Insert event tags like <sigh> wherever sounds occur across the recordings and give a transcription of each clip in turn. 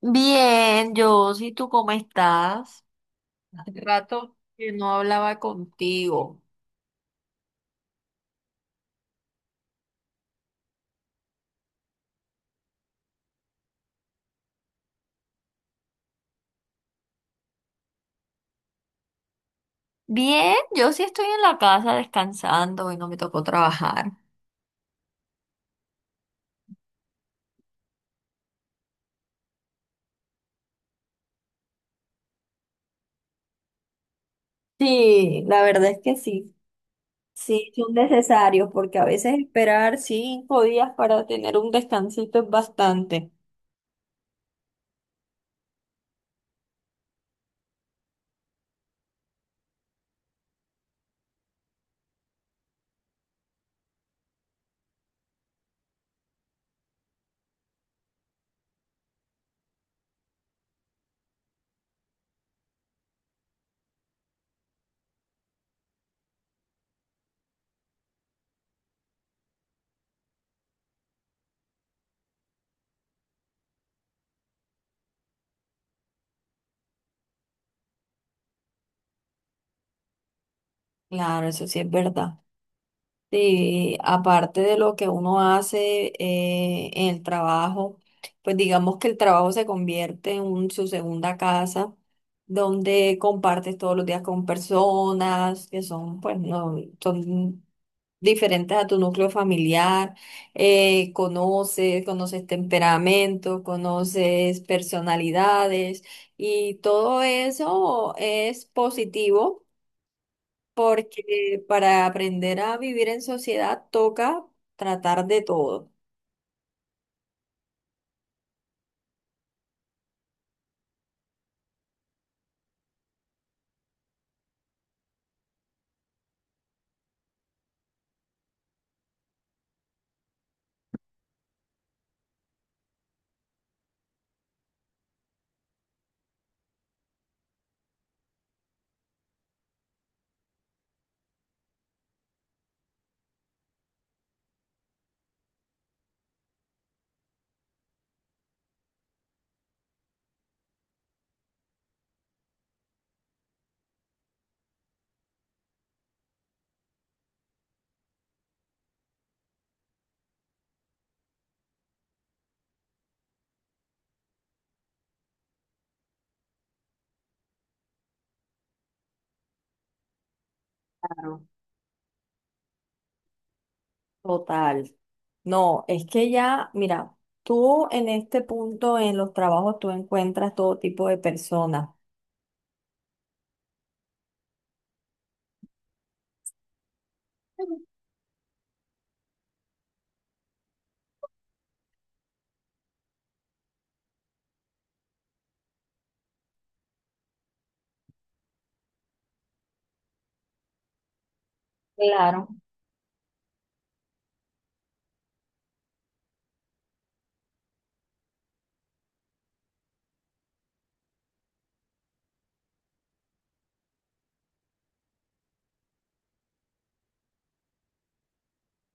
Bien, yo, ¿y tú cómo estás? Hace rato que no hablaba contigo. Bien, yo sí estoy en la casa descansando y no me tocó trabajar. Sí, la verdad es que sí, sí, son necesarios porque a veces esperar 5 días para tener un descansito es bastante. Claro, eso sí es verdad. Sí, aparte de lo que uno hace en el trabajo, pues digamos que el trabajo se convierte en su segunda casa, donde compartes todos los días con personas que son, pues, no, son diferentes a tu núcleo familiar, conoces temperamentos, conoces personalidades y todo eso es positivo porque para aprender a vivir en sociedad toca tratar de todo. Claro, total. No, es que ya, mira, tú en este punto en los trabajos tú encuentras todo tipo de personas. Claro.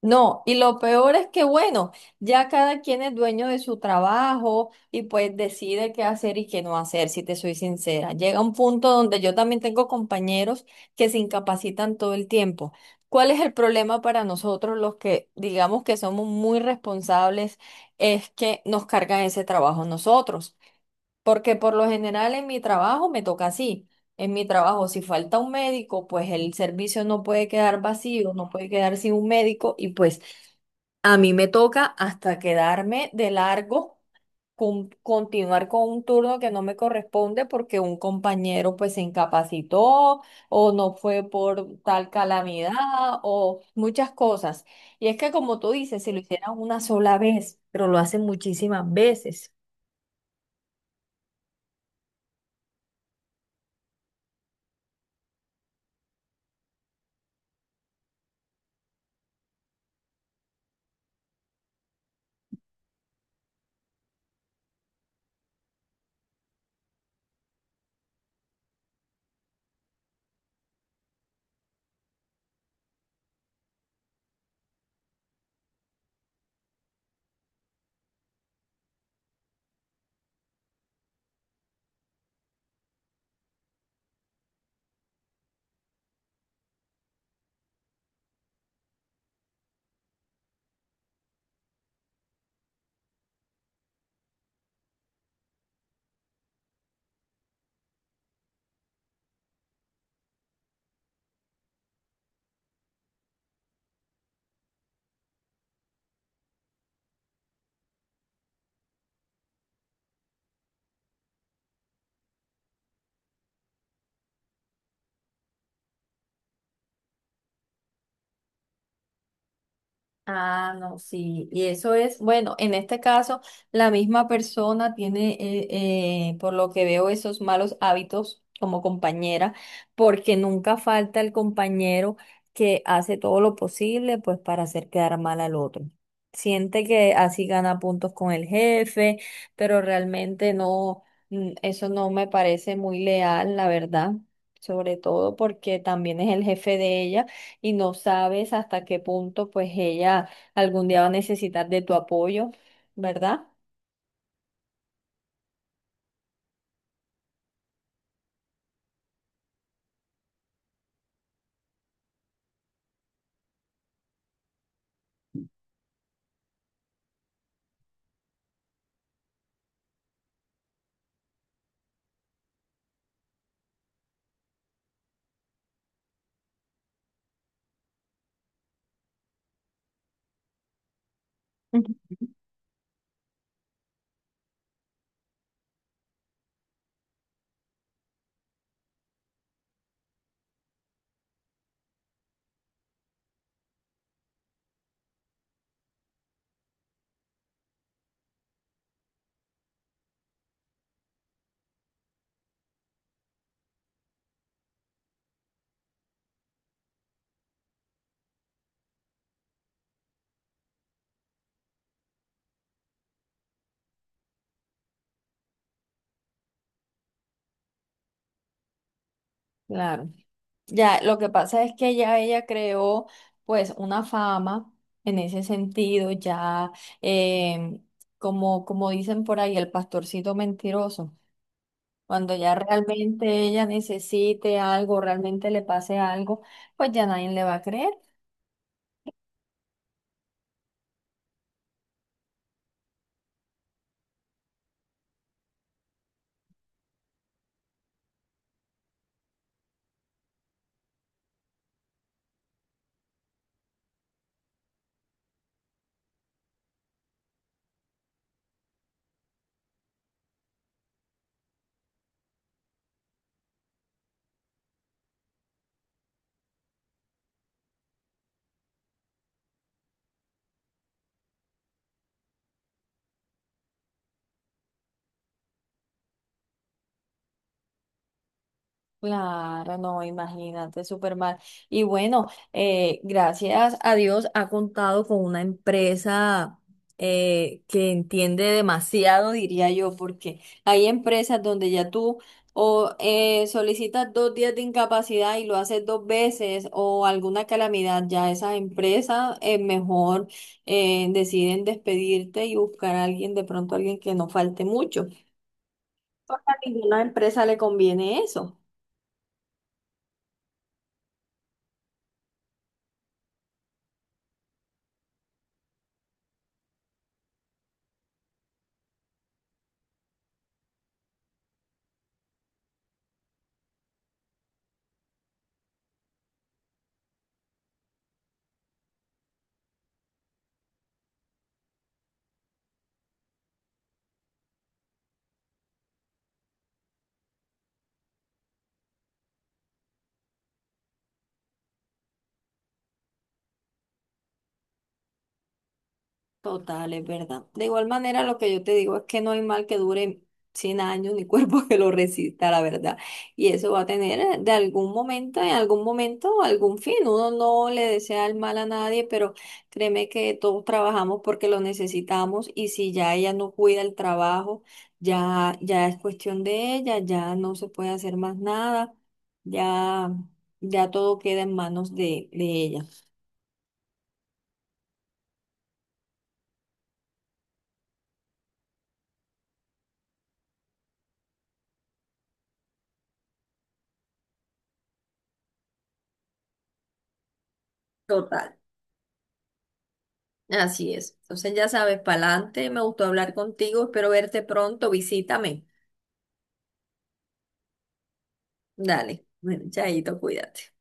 No, y lo peor es que, bueno, ya cada quien es dueño de su trabajo y pues decide qué hacer y qué no hacer, si te soy sincera. Llega un punto donde yo también tengo compañeros que se incapacitan todo el tiempo. ¿Cuál es el problema para nosotros los que digamos que somos muy responsables? Es que nos cargan ese trabajo nosotros. Porque por lo general en mi trabajo me toca así. En mi trabajo, si falta un médico, pues el servicio no puede quedar vacío, no puede quedar sin un médico y pues a mí me toca hasta quedarme de largo, continuar con un turno que no me corresponde porque un compañero pues se incapacitó o no fue por tal calamidad o muchas cosas. Y es que como tú dices, si lo hicieran una sola vez, pero lo hacen muchísimas veces. Ah, no, sí, y eso es, bueno, en este caso, la misma persona tiene, por lo que veo, esos malos hábitos como compañera, porque nunca falta el compañero que hace todo lo posible, pues, para hacer quedar mal al otro. Siente que así gana puntos con el jefe, pero realmente no, eso no me parece muy leal, la verdad, sobre todo porque también es el jefe de ella y no sabes hasta qué punto pues ella algún día va a necesitar de tu apoyo, ¿verdad? Ujú. Claro. Ya, lo que pasa es que ya ella creó pues una fama en ese sentido, eh, como, como dicen por ahí, el pastorcito mentiroso. Cuando ya realmente ella necesite algo, realmente le pase algo, pues ya nadie le va a creer. Claro, no, imagínate, súper mal. Y bueno, gracias a Dios ha contado con una empresa que entiende demasiado, diría yo, porque hay empresas donde ya tú o solicitas 2 días de incapacidad y lo haces 2 veces o alguna calamidad, ya esas empresas mejor deciden despedirte y buscar a alguien, de pronto alguien que no falte mucho. Porque a ninguna empresa le conviene eso. Total, es verdad. De igual manera, lo que yo te digo es que no hay mal que dure 100 años ni <laughs> cuerpo que lo resista, la verdad. Y eso va a tener de algún momento, en algún momento, algún fin. Uno no le desea el mal a nadie, pero créeme que todos trabajamos porque lo necesitamos y si ya ella no cuida el trabajo, ya, ya es cuestión de ella, ya no se puede hacer más nada, ya, ya todo queda en manos de ella. Total. Así es. Entonces ya sabes, pa'lante, me gustó hablar contigo, espero verte pronto, visítame. Dale, bueno, chaito, cuídate.